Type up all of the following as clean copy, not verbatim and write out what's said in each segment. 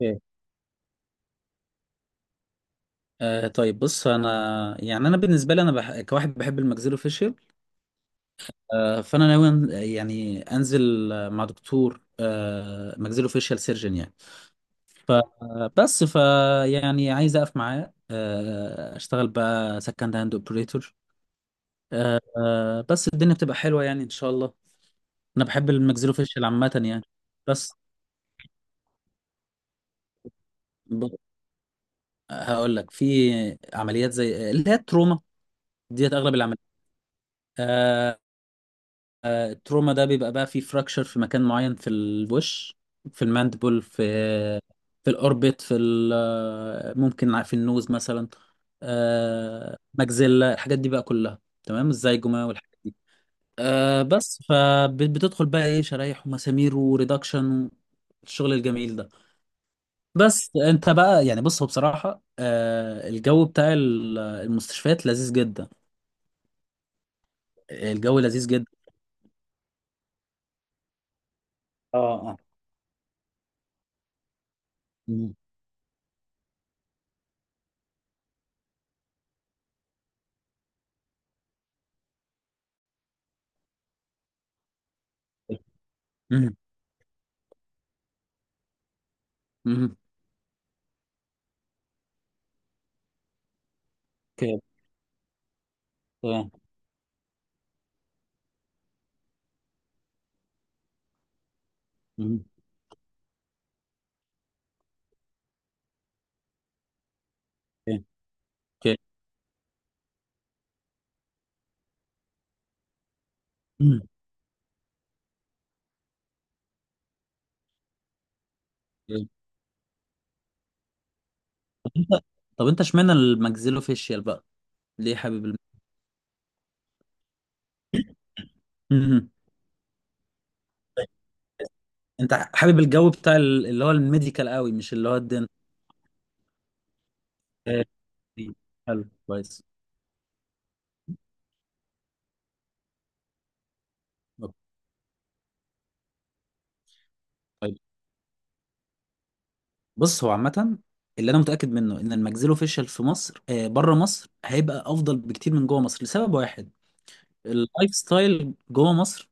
اوكي. طيب بص، انا، يعني انا بالنسبه لي، كواحد بحب الماكسيلو فيشل. فانا ناوي يعني انزل، مع دكتور ماكسيلو فيشل سيرجن يعني. فبس يعني عايز اقف معاه، اشتغل بقى سكند هاند اوبريتور. بس الدنيا بتبقى حلوه يعني، ان شاء الله. انا بحب الماكسيلو فيشل عامه يعني. بس. ب... هقول لك، في عمليات زي اللي هي التروما ديت، اغلب العمليات. التروما ده بيبقى بقى فيه فراكشر في مكان معين في الوش. في الماندبل، في الاوربت، في ال- آه، ممكن في النوز مثلا. مجزلة الحاجات دي بقى كلها، تمام، الزيجوما والحاجات دي. بس فبتدخل بقى ايه، شرايح ومسامير وريدكشن، الشغل الجميل ده. بس انت بقى يعني، بص، هو بصراحة الجو بتاع المستشفيات لذيذ جدا. الجو لذيذ جدا. اه، اه. مم. مم. مم. تمام. مم. اوكي. اوكي. مم. اوكي. طب انت اشمعنى الماكسيلوفيشيال بقى؟ ليه حابب مم. انت حابب الجو بتاع اللي هو الميديكال قوي، مش اللي هو الدنت؟ حلو، كويس. أوكي. طيب بص، هو عامة اللي انا متأكد منه ان الماكسيلوفيشيال في مصر، بره مصر، هيبقى افضل بكتير من جوه مصر لسبب واحد. اللايف ستايل جوه مصر.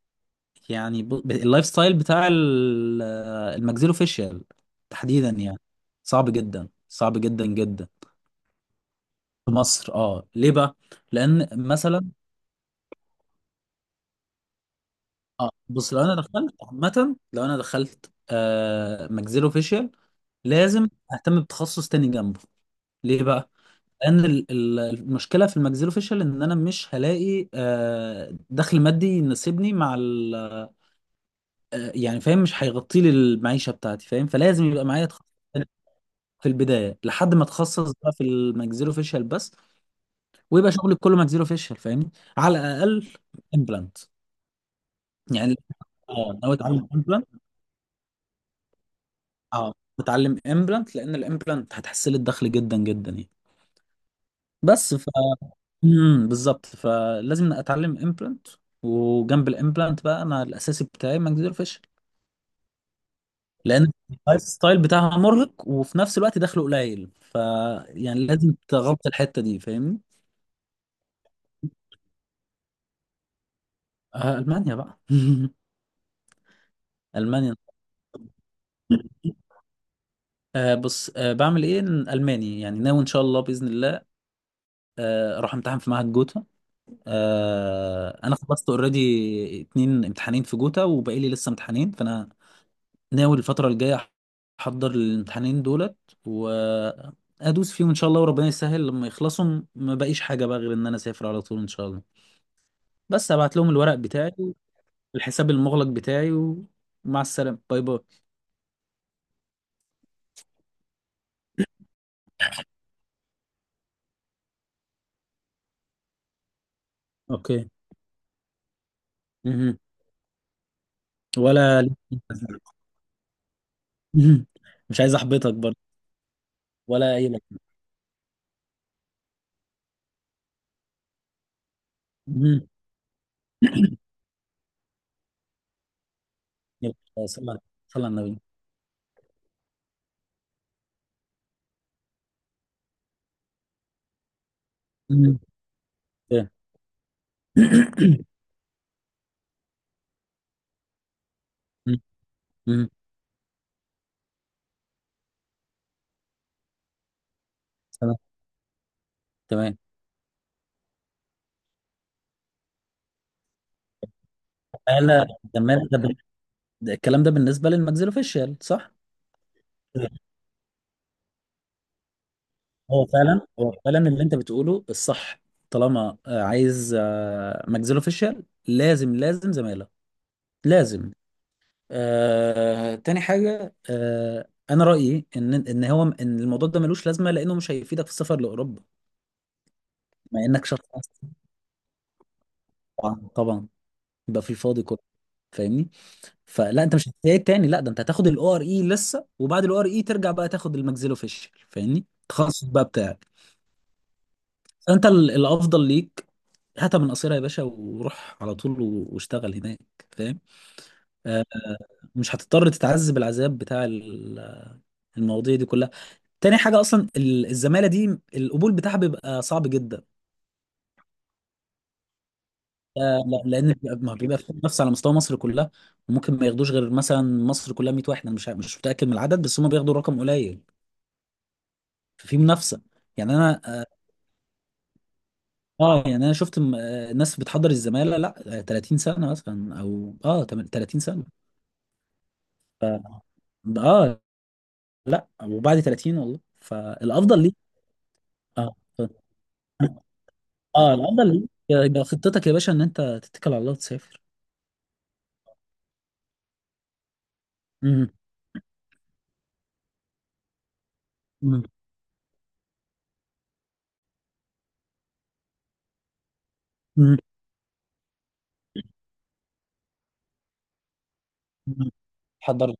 يعني اللايف ستايل بتاع الماكسيلوفيشيال تحديدا يعني. صعب جدا، صعب جدا جدا. في مصر. اه، ليه بقى؟ لان مثلا، اه، بص، لو انا دخلت عامه، لو انا دخلت ماجزيلو فيشيال، لازم اهتم بتخصص تاني جنبه. ليه بقى؟ لان المشكله في الماجزيلو فيشيال ان انا مش هلاقي دخل مادي يناسبني مع ال، يعني فاهم، مش هيغطي لي المعيشه بتاعتي، فاهم، فلازم يبقى معايا تخصص تاني في البدايه لحد ما اتخصص بقى في الماجزيلو فيشيال بس. ويبقى شغلي كله ماجزيلو فيشيال، فاهمني، على الاقل امبلانت. يعني اه، ناوي اتعلم امبلانت. اه، بتعلم امبلانت لان الامبلانت هتحسن لي الدخل جدا جدا يعني. بس ف بالظبط، فلازم اتعلم امبلانت. وجنب الامبلانت بقى، انا الاساسي بتاعي ماجنيزيوم الفشل. لان اللايف ستايل بتاعها مرهق، وفي نفس الوقت دخله قليل يعني لازم تغطي الحته دي، فاهمني. المانيا بقى. المانيا. بص، بعمل ايه إن الماني يعني، ناوي ان شاء الله، باذن الله. اروح امتحن في معهد جوتا. انا خلصت اوريدي 2 امتحانين في جوتا، وباقي لي لسه امتحانين، فانا ناوي الفتره الجايه احضر الامتحانين دولت. وادوس فيهم ان شاء الله، وربنا يسهل. لما يخلصوا ما بقيش حاجه بقى غير ان انا اسافر على طول، ان شاء الله. بس هبعت لهم الورق بتاعي، الحساب المغلق بتاعي، ومع السلامه، باي باي. اوكي. مهم. ولا. مهم. مش عايز احبطك برضه. ولا اي لك. مهم. يلا، صلى صلى على النبي. مهم. اوكي. مهم. سلام. تمام. زمالة زمالة ده بال- ده الكلام ده بالنسبة للماكسيلوفيشيال صح؟ هو فعلا اللي انت بتقوله الصح. طالما عايز ماكسيلوفيشيال، لازم لازم زمالة، لازم. تاني حاجة، انا رأيي ان الموضوع ده ملوش لازمة، لانه مش هيفيدك في السفر لاوروبا. بما انك شخص، طبعا طبعا، يبقى في الفاضي كله، فاهمني؟ فلا، انت مش هتعيد تاني، لا. ده انت هتاخد الاو ار اي لسه، وبعد الاو ار اي ترجع بقى تاخد الماكسيلوفيشل، فاهمني، التخصص بقى بتاعك. فانت الافضل ليك هاتها من قصيرة يا باشا، وروح على طول واشتغل هناك، فاهم. آه، مش هتضطر تتعذب العذاب بتاع المواضيع دي كلها. تاني حاجة، اصلا الزمالة دي، القبول بتاعها بيبقى صعب جدا. لا، لان ما بيبقى في نفس، على مستوى مصر كلها. وممكن ما ياخدوش غير مثلا مصر كلها 100 واحد، انا مش متاكد من العدد، بس هم بياخدوا رقم قليل. ففي منافسه، يعني انا يعني انا شفت ناس بتحضر الزماله، لا، 30 سنه مثلا، او 30 سنه. ف اه لا، وبعد 30، والله. فالافضل ليك. اه ف- اه الافضل ليك يبقى خطتك يا باشا، ان انت تتكل على الله وتسافر. مم. مم. مم. مم. حضر.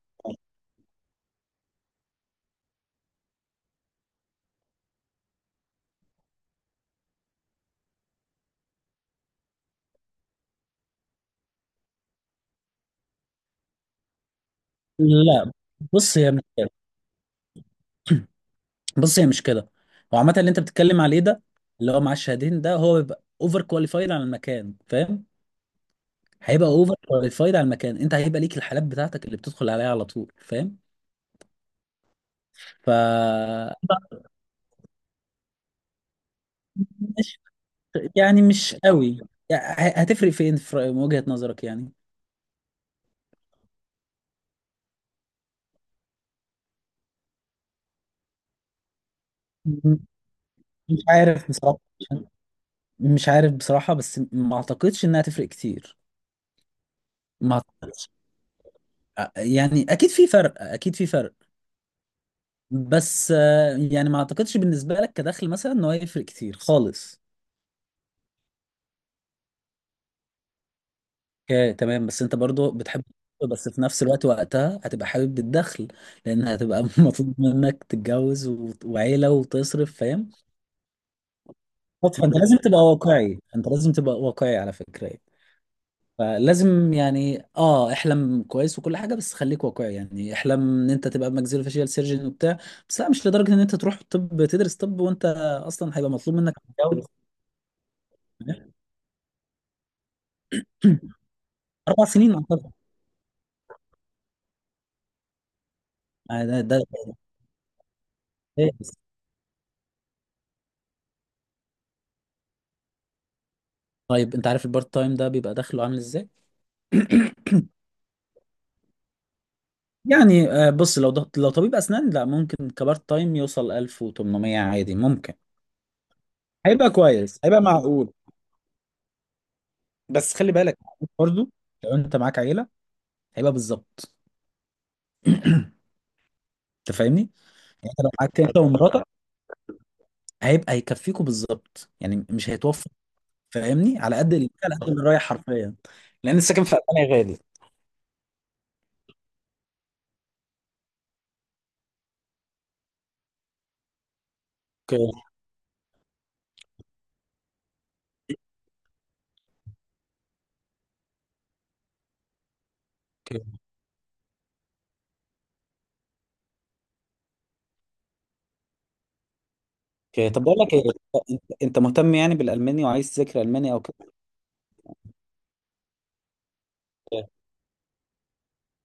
لا، بص، هي مش كده. بص، هي مش كده. هو عامه اللي انت بتتكلم عليه ده، اللي هو معاه الشهادتين ده، هو بيبقى اوفر كواليفايد على المكان، فاهم. هيبقى اوفر كواليفايد على المكان. انت هيبقى ليك الحالات بتاعتك اللي بتدخل عليها على طول، فاهم. ف مش يعني مش قوي، يعني هتفرق فين، في من وجهة نظرك يعني. م- مش عارف بصراحة. مش عارف بصراحة، بس ما اعتقدش انها تفرق كتير. ما اعتقدش، يعني اكيد في فرق، اكيد في فرق. بس يعني ما اعتقدش بالنسبة لك كدخل مثلا انه هيفرق كتير خالص. اوكي، تمام. بس انت برضو بتحب. بس في نفس الوقت، وقتها هتبقى حابب الدخل، لان هتبقى مطلوب منك تتجوز وعيلة وتصرف، فاهم. فانت لازم تبقى واقعي، انت لازم تبقى واقعي على فكرة يعني. فلازم يعني احلم كويس وكل حاجة، بس خليك واقعي يعني، احلم ان انت تبقى ماكسيلو فاشيال سيرجن وبتاع. بس لا، مش لدرجة ان انت تروح طب، تدرس طب وانت اصلا هيبقى مطلوب منك تتجوز. 4 سنين اعتقد. آه، ده ده ده- طيب انت عارف البارت تايم ده بيبقى دخله عامل ازاي؟ يعني بص، لو طبيب اسنان، لا ممكن كبارت تايم يوصل 1800 عادي، ممكن. هيبقى كويس، هيبقى معقول. بس خلي بالك برضو، لو انت معاك عيله هيبقى بالظبط. انت فاهمني، يعني انت لو معاك انت ومراتك، هيكفيكوا بالظبط، يعني مش هيتوفر. فاهمني، على قد اللي رايح حرفيا. لان السكن في المانيا غالي. اوكي، اوكي، اوكي. طب بقول لك ايه، انت مهتم يعني بالالماني وعايز تذاكر الماني او كده؟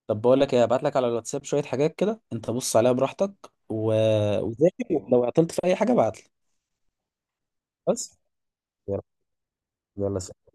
طب بقول لك ايه، هبعت لك على الواتساب شويه حاجات كده، انت بص عليها براحتك، و... وذاكر. لو عطلت في اي حاجه ابعت لي. بس. يلا، يلا، سلام.